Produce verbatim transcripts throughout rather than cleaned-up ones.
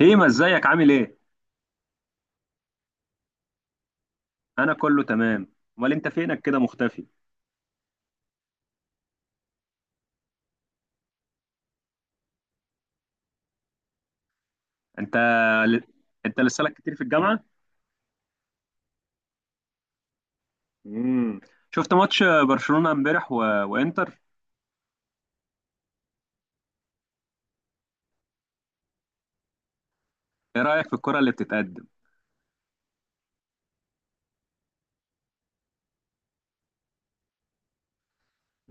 هيما، ازيك عامل ايه؟ انا كله تمام. امال انت فينك كده مختفي؟ انت انت لسه لك كتير في الجامعة؟ امم شفت ماتش برشلونة امبارح و... وانتر؟ ايه رأيك في الكرة اللي بتتقدم؟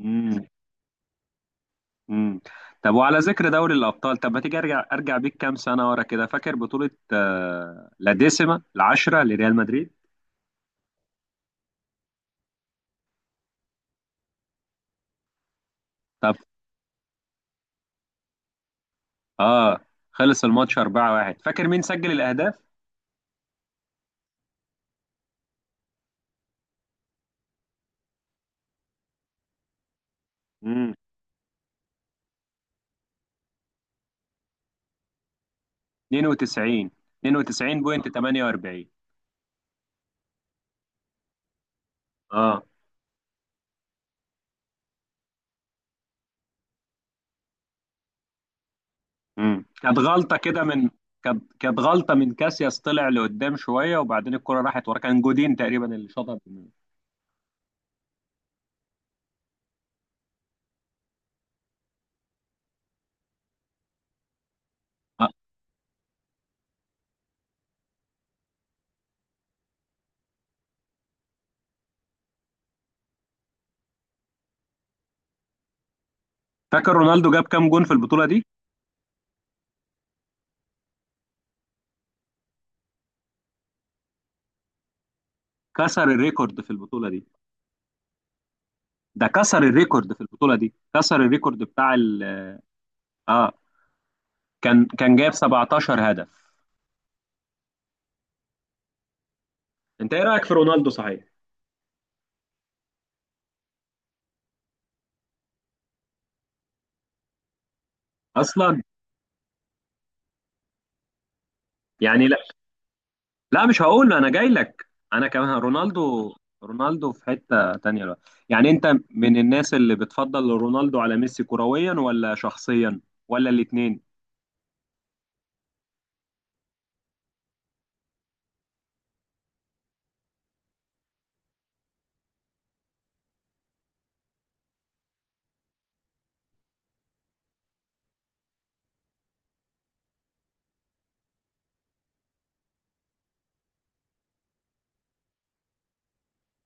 امم امم طب، وعلى ذكر دوري الأبطال، طب ما تيجي ارجع ارجع بيك كام سنة ورا كده. فاكر بطولة آه، لا ديسيما، العشرة لريال مدريد؟ طب. اه. خلص الماتش اربعة واحد. فاكر مين سجل الأهداف؟ امم اتنين وتسعين. اتنين وتسعين نقطة تمانية واربعين. اه. امم كانت غلطه كده من... كانت كانت غلطه من كاسياس، طلع لقدام شويه وبعدين الكره راحت ورا، كان جودين تقريبا اللي شاطها باليمين. آه، فاكر رونالدو جاب كام جون في البطوله دي؟ كسر الريكورد في البطوله دي، ده كسر الريكورد في البطوله دي، كسر الريكورد بتاع ال... اه. كان كان جاب سبعتاشر هدف. انت ايه رايك في رونالدو صحيح؟ اصلا... يعني لا. لا، مش هقول له، انا جاي لك. انا كمان رونالدو. رونالدو في حتة تانية بقى. يعني انت من الناس اللي بتفضل رونالدو على ميسي كرويا ولا شخصيا، ولا الاتنين؟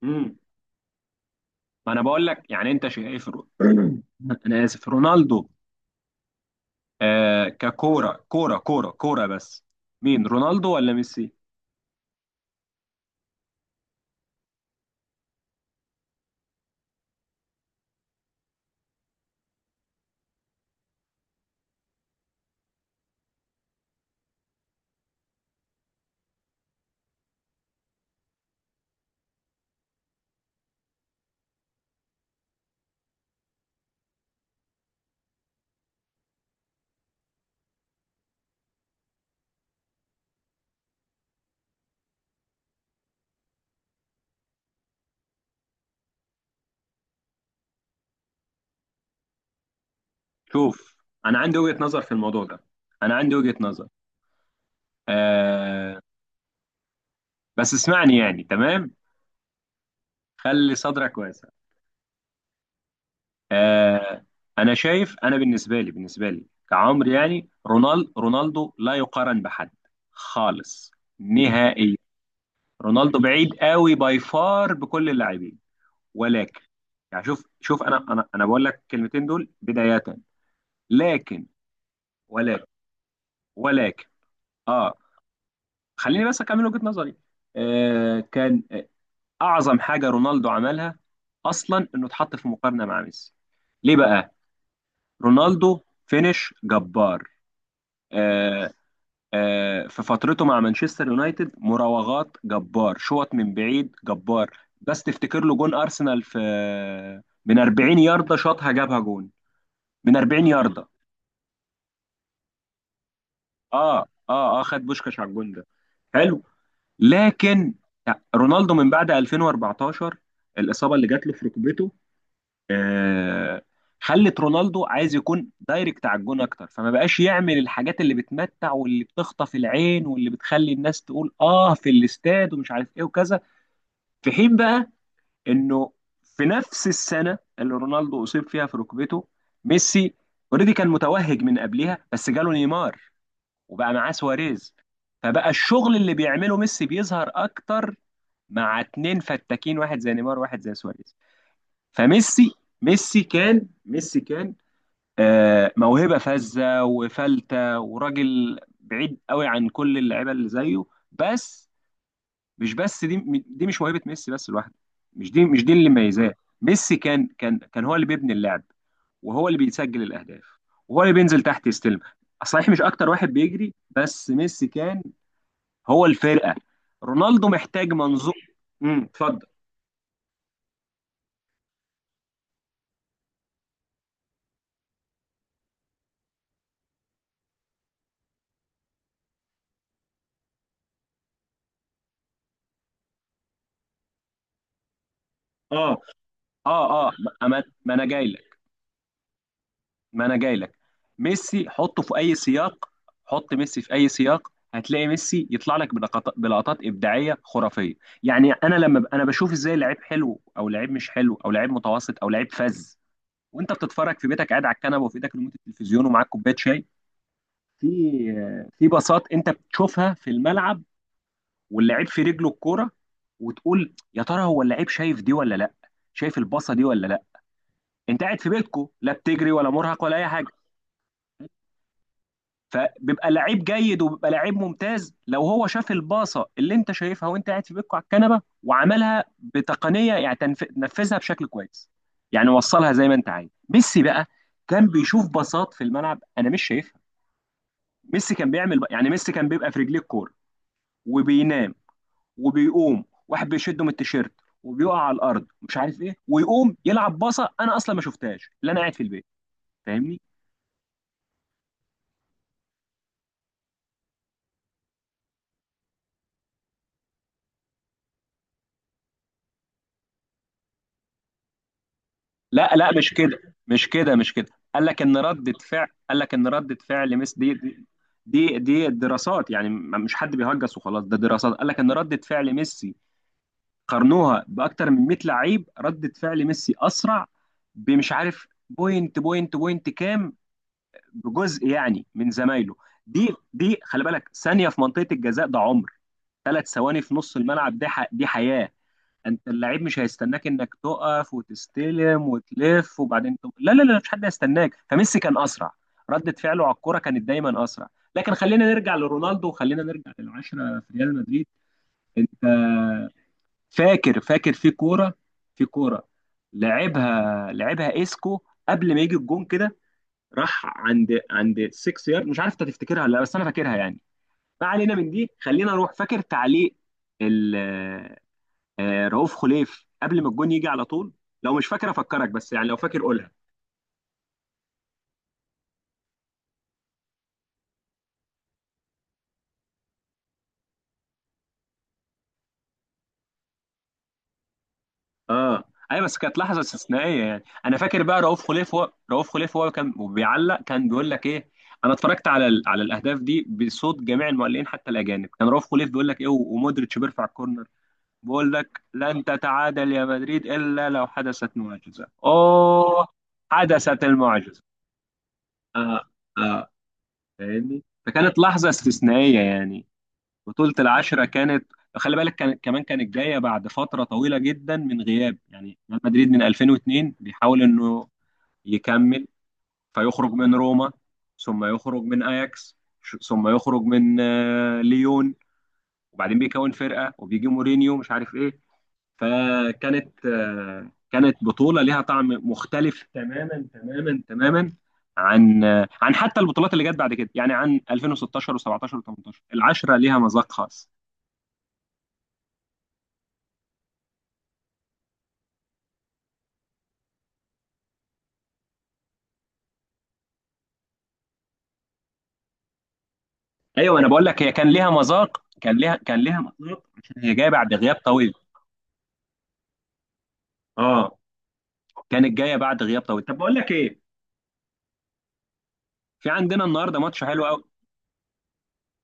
امم ما انا بقول لك، يعني انت شايف رو... انا اسف، رونالدو، آه ككورة، كورة كورة كورة بس، مين؟ رونالدو ولا ميسي؟ شوف، انا عندي وجهة نظر في الموضوع ده. انا عندي وجهة نظر. آه. بس اسمعني يعني، تمام؟ خلي صدرك واسع. آه. انا شايف، انا بالنسبه لي، بالنسبه لي كعمر، يعني رونالد رونالدو لا يقارن بحد. خالص. نهائيا. رونالدو بعيد قوي، باي فار، بكل اللاعبين. ولكن... يعني شوف شوف، انا انا انا بقول لك الكلمتين دول بدايه لكن... ولكن. ولكن. اه. خليني بس اكمل وجهه نظري. آه كان آه، اعظم حاجه رونالدو عملها اصلا انه اتحط في مقارنه مع ميسي. ليه بقى؟ رونالدو فينش جبار. آه، آه، في فترته مع مانشستر يونايتد، مراوغات جبار، شوط من بعيد جبار. بس تفتكر له جون ارسنال؟ في، من اربعين يارده شاطها، جابها جون، من اربعين يارده. اه. اه. اه، خد بوشكاش على الجون ده. حلو. لكن رونالدو من بعد الفين واربعتاشر، الاصابه اللي جات له في ركبته، آه، خلت رونالدو عايز يكون دايركت على الجون اكتر، فما بقاش يعمل الحاجات اللي بتمتع واللي بتخطف العين واللي بتخلي الناس تقول اه في الاستاد ومش عارف ايه وكذا. في حين بقى انه في نفس السنه اللي رونالدو اصيب فيها في ركبته، ميسي اوريدي كان متوهج من قبلها، بس جاله نيمار وبقى معاه سواريز. فبقى الشغل اللي بيعمله ميسي بيظهر اكتر مع اتنين فتاكين، واحد زي نيمار واحد زي سواريز. فميسي، ميسي كان ميسي كان آه، موهبة فذة وفلتة، وراجل بعيد قوي عن كل اللعيبة اللي زيه. بس مش بس دي، دي مش موهبة ميسي بس لوحده، مش دي مش دي اللي مميزاه. ميسي كان كان كان هو اللي بيبني اللعب، وهو اللي بيسجل الأهداف، وهو اللي بينزل تحت يستلم. صحيح مش أكتر واحد بيجري، بس ميسي كان هو الفرقة. رونالدو محتاج منظوم. امم اتفضل. اه. اه. اه. ما ما- ما انا جاي ما انا جاي لك. ميسي حطه في اي سياق، حط ميسي في اي سياق هتلاقي ميسي يطلع لك بلقط- بلقطات ابداعيه خرافيه. يعني انا لما ب... انا بشوف ازاي لعيب حلو او لعيب مش حلو او لعيب متوسط او لعيب فذ. وانت بتتفرج في بيتك قاعد على الكنبه، وفي ايدك ريموت التلفزيون ومعاك كوبايه شاي، في في باصات انت بتشوفها في الملعب، واللعيب في رجله الكوره، وتقول يا ترى هو اللعيب شايف دي ولا لا؟ شايف الباصه دي ولا لا؟ انت قاعد في بيتكو، لا بتجري ولا مرهق ولا اي حاجه. فبيبقى لعيب جيد، وبيبقى لعيب ممتاز لو هو شاف الباصه اللي انت شايفها وانت قاعد في بيتكم على الكنبه وعملها بتقنيه، يعني تنف- نفذها بشكل كويس. يعني وصلها زي ما انت عايز. ميسي بقى كان بيشوف باصات في الملعب انا مش شايفها. ميسي كان بيعمل بقى، يعني ميسي كان بيبقى في رجليه الكوره وبينام، وبيقوم واحد بيشده من التيشيرت وبيقع على الارض مش عارف ايه، ويقوم يلعب باصه انا اصلا ما شفتهاش، اللي انا قاعد في البيت. فاهمني؟ لا لا، مش كده، مش كده، مش كده. قال لك ان ردة فعل قال لك ان ردة فعل، مس دي، دي, دي, دي الدراسات يعني، م- مش حد بيهجس وخلاص، ده دراسات. قال لك ان ردة فعل ميسي، قارنوها باكتر من ميت لعيب، ردة فعل ميسي اسرع بمش عارف بوينت بوينت بوينت كام، بجزء يعني، من زمايله. دي دي خلي بالك، ثانية في منطقة الجزاء ده عمر، ثلاث ثواني في نص الملعب ده ح- دي حياة. انت اللعيب مش هيستناك انك تقف وتستلم وتلف وبعدين تب... لا لا لا، مش حد هيستناك. فميسي كان اسرع، ردة فعله على الكرة كانت دايما اسرع. لكن خلينا نرجع لرونالدو، وخلينا نرجع للعشرة في ريال مدريد. انت فاكر فاكر في كورة في كورة لعبها لعبها اسكو، قبل ما يجي الجون كده، راح عند عند ستة يارد، مش عارف انت تفتكرها ولا لا، بس انا فاكرها يعني. ما علينا من دي، خلينا نروح. فاكر تعليق آه، رؤوف خليف قبل ما الجون يجي على طول؟ لو مش فاكر افكرك، بس يعني لو فاكر قولها. اه. ايوه بس كانت لحظه استثنائيه يعني. انا فاكر بقى رؤوف خليف، هو رؤوف خليف هو كان بيعلق، كان بيقول لك ايه. انا اتفرجت على ال... على الاهداف دي بصوت جميع المعلقين حتى الاجانب، كان رؤوف خليف بيقول لك ايه، و- ومودريتش بيرفع الكورنر، بيقول لك لن تتعادل يا مدريد الا لو حدثت معجزه. اوه. حدثت المعجزه. اه. اه. فاهمني؟ فكانت لحظه استثنائيه يعني. بطولة العشرة كانت خلي بالك، كان كمان كانت جاية بعد فترة طويلة جدا من غياب، يعني ريال مدريد من الفين واتنين بيحاول إنه يكمل، فيخرج من روما، ثم يخرج من أياكس، ش- ثم يخرج من آه، ليون، وبعدين بيكون فرقة وبيجي مورينيو مش عارف إيه. فكانت آه، كانت بطولة ليها طعم مختلف تماما تماما تماما، عن آه، عن حتى البطولات اللي جت بعد كده، يعني عن الفين وستة عشر و17 و18. العشرة ليها مذاق خاص. ايوه انا بقول لك هي كان ليها مذاق، كان ليها كان ليها مذاق عشان هي جايه بعد غياب طويل. اه. كانت جايه بعد غياب طويل. طب بقول لك ايه، في عندنا النهارده ماتش حلو قوي،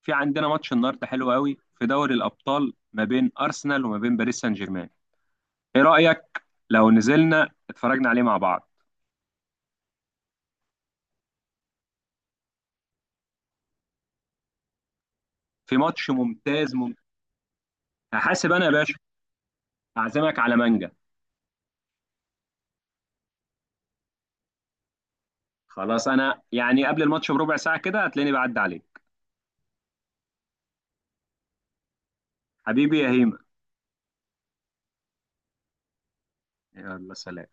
في عندنا ماتش النهارده حلو قوي في دوري الابطال ما بين ارسنال وما بين باريس سان جيرمان. ايه رايك لو نزلنا اتفرجنا عليه مع بعض؟ في ماتش ممتاز ممتاز. هحاسب انا يا باشا. هعزمك على مانجا. خلاص، انا يعني قبل الماتش بربع ساعه كده هتلاقيني بعدي عليك. حبيبي يا هيما. يلا سلام.